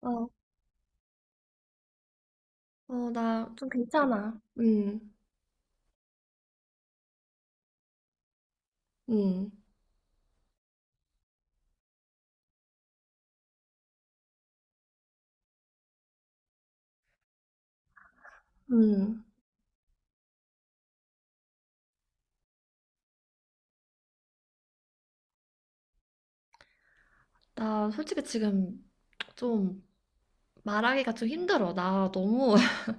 어, 나 좀 괜찮아. 응. 응. 응. 나 솔직히 지금 좀 말하기가 좀 힘들어. 나 너무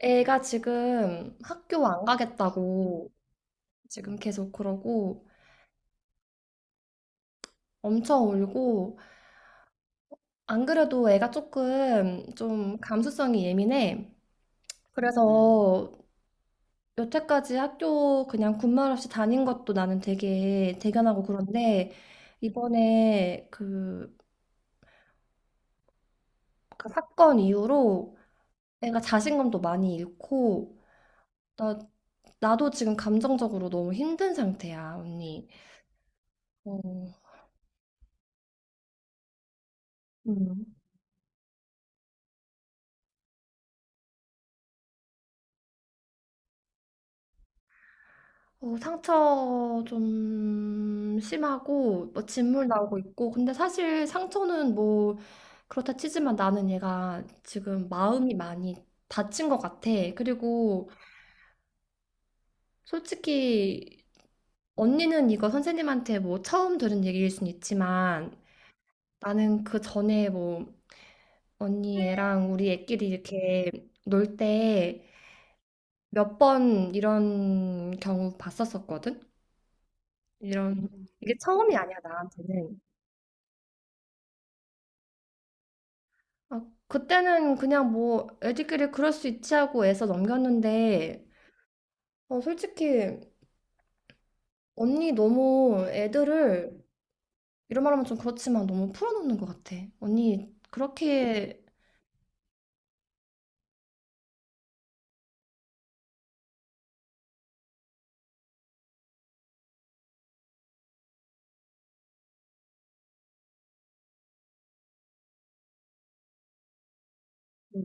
애가 지금 학교 안 가겠다고 지금 계속 그러고 엄청 울고. 안 그래도 애가 조금 좀 감수성이 예민해. 그래서 여태까지 학교 그냥 군말 없이 다닌 것도 나는 되게 대견하고 그런데 이번에 그 사건 이후로 내가 자신감도 많이 잃고, 나, 나도 지금 감정적으로 너무 힘든 상태야, 언니. 어. 음. 어, 상처 좀 심하고, 뭐 진물 나오고 있고, 근데 사실 상처는 뭐, 그렇다 치지만 나는 얘가 지금 마음이 많이 다친 것 같아. 그리고 솔직히 언니는 이거 선생님한테 뭐 처음 들은 얘기일 순 있지만 나는 그 전에 뭐 언니 애랑 우리 애끼리 이렇게 놀 때 몇 번 이런 경우 봤었었거든? 이런, 이게 처음이 아니야, 나한테는. 아, 그때는 그냥 뭐 애들끼리 그럴 수 있지 하고 애써 넘겼는데, 어, 솔직히 언니 너무 이런 말 하면 좀 그렇지만 너무 풀어놓는 것 같아. 언니 그렇게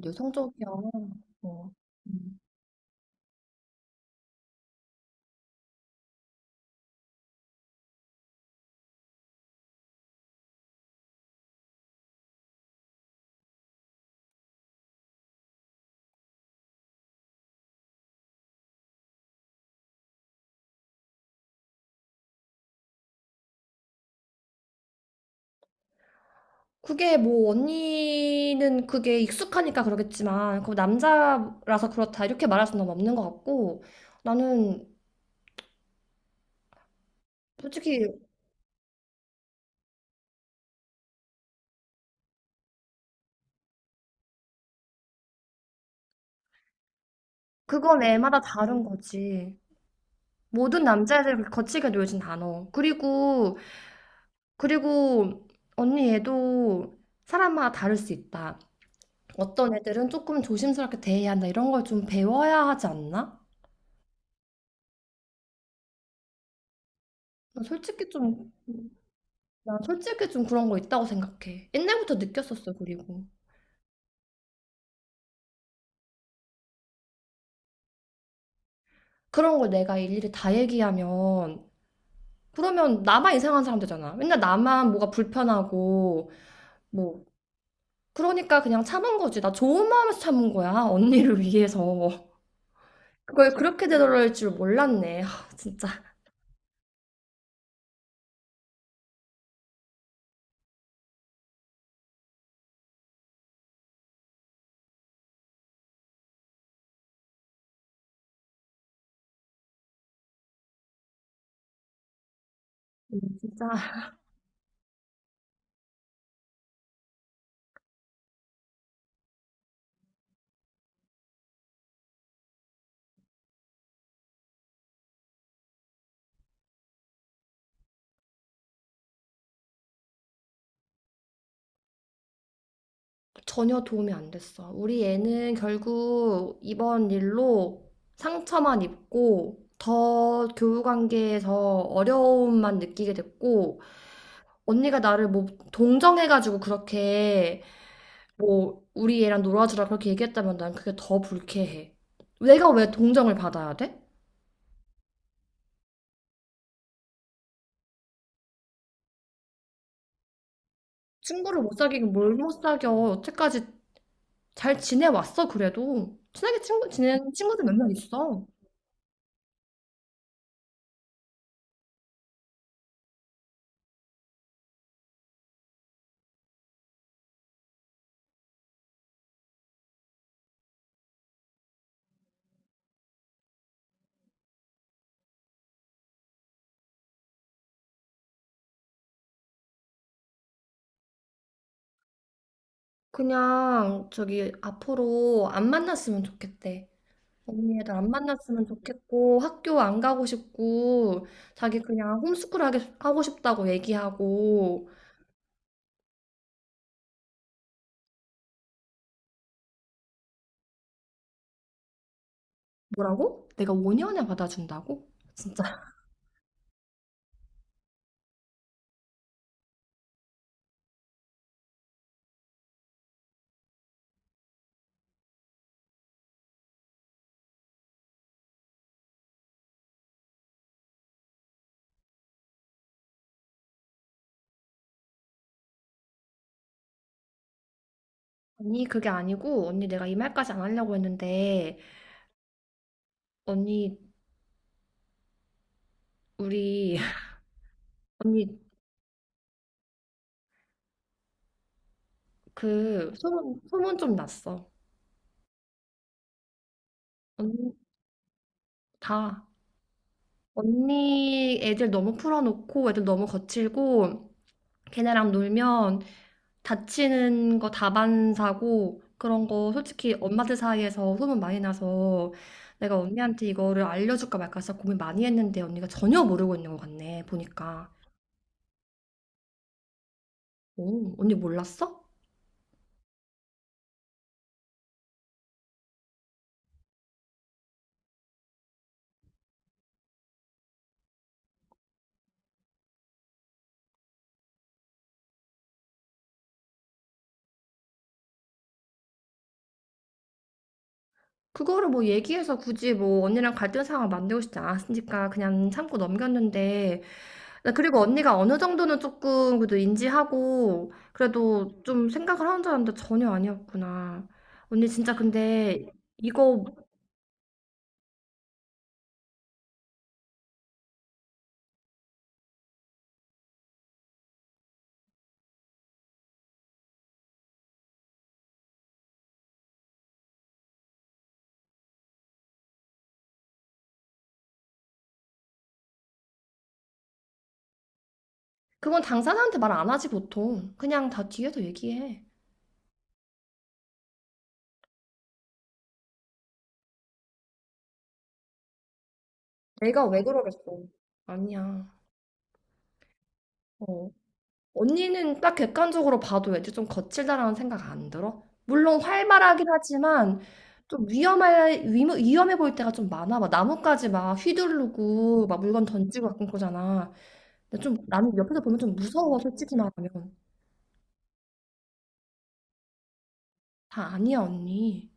여성적이야. 어. 음. 그게 뭐 언니는 그게 익숙하니까 그러겠지만 그 남자라서 그렇다 이렇게 말할 수는 없는 것 같고 나는 솔직히 그건 애마다 다른 거지. 모든 남자애들 그렇게 거칠게 놀진 않아. 그리고 그리고 언니 얘도 사람마다 다를 수 있다. 어떤 애들은 조금 조심스럽게 대해야 한다 이런 걸 좀 배워야 하지 않나? 난 솔직히 좀 난 솔직히 좀 그런 거 있다고 생각해. 옛날부터 느꼈었어. 그리고 그런 걸 내가 일일이 다 얘기하면 그러면 나만 이상한 사람 되잖아. 맨날 나만 뭐가 불편하고 뭐. 그러니까 그냥 참은 거지. 나 좋은 마음에서 참은 거야. 언니를 위해서. 그걸 그렇게 되돌릴 줄 몰랐네. 하, 진짜. 진짜 전혀 도움이 안 됐어. 우리 애는 결국 이번 일로 상처만 입고 더 교우 관계에서 어려움만 느끼게 됐고. 언니가 나를 뭐 동정해가지고 그렇게 뭐 우리 애랑 놀아주라 그렇게 얘기했다면 난 그게 더 불쾌해. 내가 왜 동정을 받아야 돼? 친구를 못 사귀고 뭘 못 사겨. 여태까지 잘 지내왔어 그래도. 친하게 친구 지내는 친구들 몇 명 있어. 그냥 저기 앞으로 안 만났으면 좋겠대. 언니 애들 안 만났으면 좋겠고 학교 안 가고 싶고 자기 그냥 홈스쿨 하게 하고 싶다고 얘기하고. 뭐라고? 내가 5년에 받아준다고? 진짜. 언니 그게 아니고 언니 내가 이 말까지 안 하려고 했는데 언니 우리 언니 그 소문 좀 났어. 언니 다. 언니 애들 너무 풀어놓고 애들 너무 거칠고 걔네랑 놀면 다치는 거 다반 사고 그런 거 솔직히 엄마들 사이에서 소문 많이 나서. 내가 언니한테 이거를 알려줄까 말까 진짜 고민 많이 했는데 언니가 전혀 모르고 있는 것 같네 보니까. 오, 언니 몰랐어? 그거를 뭐 얘기해서 굳이 뭐 언니랑 갈등 상황 만들고 싶지 않았으니까 그냥 참고 넘겼는데. 나 그리고 언니가 어느 정도는 조금 그래도 인지하고 그래도 좀 생각을 하는 줄 알았는데 전혀 아니었구나. 언니 진짜 근데 이거 그건 당사자한테 말 안 하지 보통. 그냥 다 뒤에서 얘기해. 내가 왜 그러겠어. 아니야. 어. 언니는 딱 객관적으로 봐도 왠지 좀 거칠다라는 생각 안 들어? 물론 활발하긴 하지만 좀 위험해, 위험해 보일 때가 좀 많아. 막 나뭇가지 막 휘두르고 막 물건 던지고 가끔 그러잖아. 근데 좀 나는 옆에서 보면 좀 무서워, 솔직히 말하면. 다 아니야, 언니.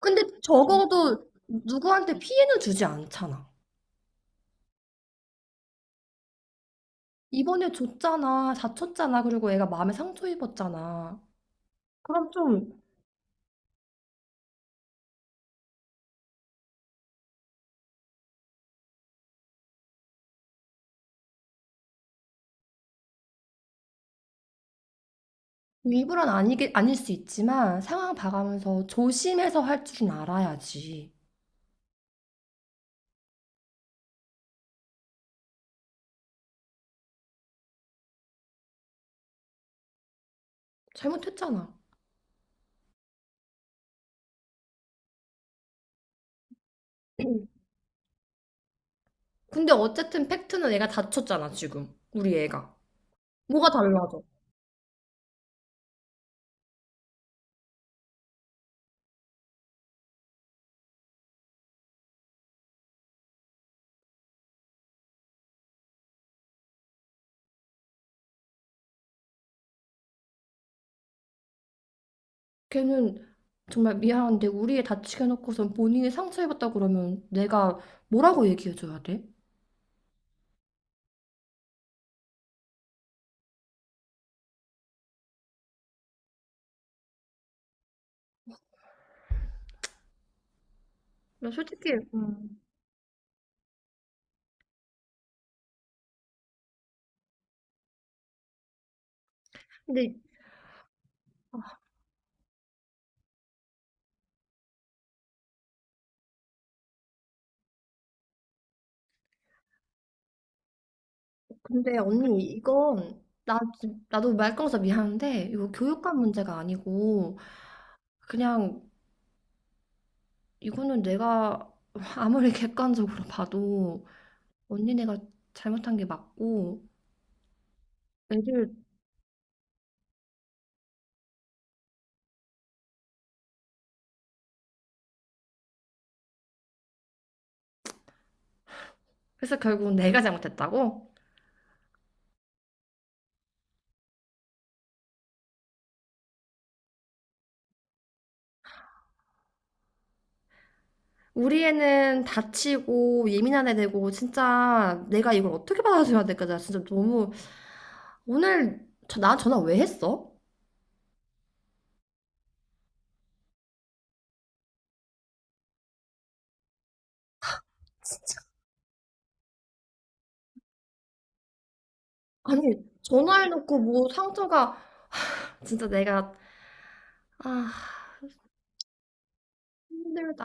근데 적어도 누구한테 피해는 주지 않잖아. 이번에 줬잖아, 다쳤잖아, 그리고 애가 마음에 상처 입었잖아. 그럼 좀 일부러는 아니게, 아닐 수 있지만 상황 봐가면서 조심해서 할 줄은 알아야지. 잘못했잖아. 근데 어쨌든 팩트는 애가 다쳤잖아, 지금. 우리 애가. 뭐가 달라져? 걔는 정말 미안한데 우리 애 다치게 해놓고선 본인이 상처입었다 그러면 내가 뭐라고 얘기해줘야 돼? 나 솔직히, 근데, 근데 언니, 이건 나도 말꺼어서 미안한데 이거 교육감 문제가 아니고 그냥 이거는 내가 아무리 객관적으로 봐도 언니네가 잘못한 게 맞고 애들. 그래서 결국은 내가 잘못했다고? 우리 애는 다치고 예민한 애 되고. 진짜 내가 이걸 어떻게 받아줘야 될까? 나 진짜 너무 오늘 저, 나 전화 왜 했어? 진짜. 아니 전화해놓고 뭐 상처가 진짜 내가 아 힘들다.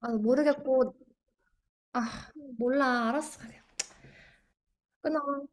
아 모르겠고 아 몰라 알았어 그냥 끊어.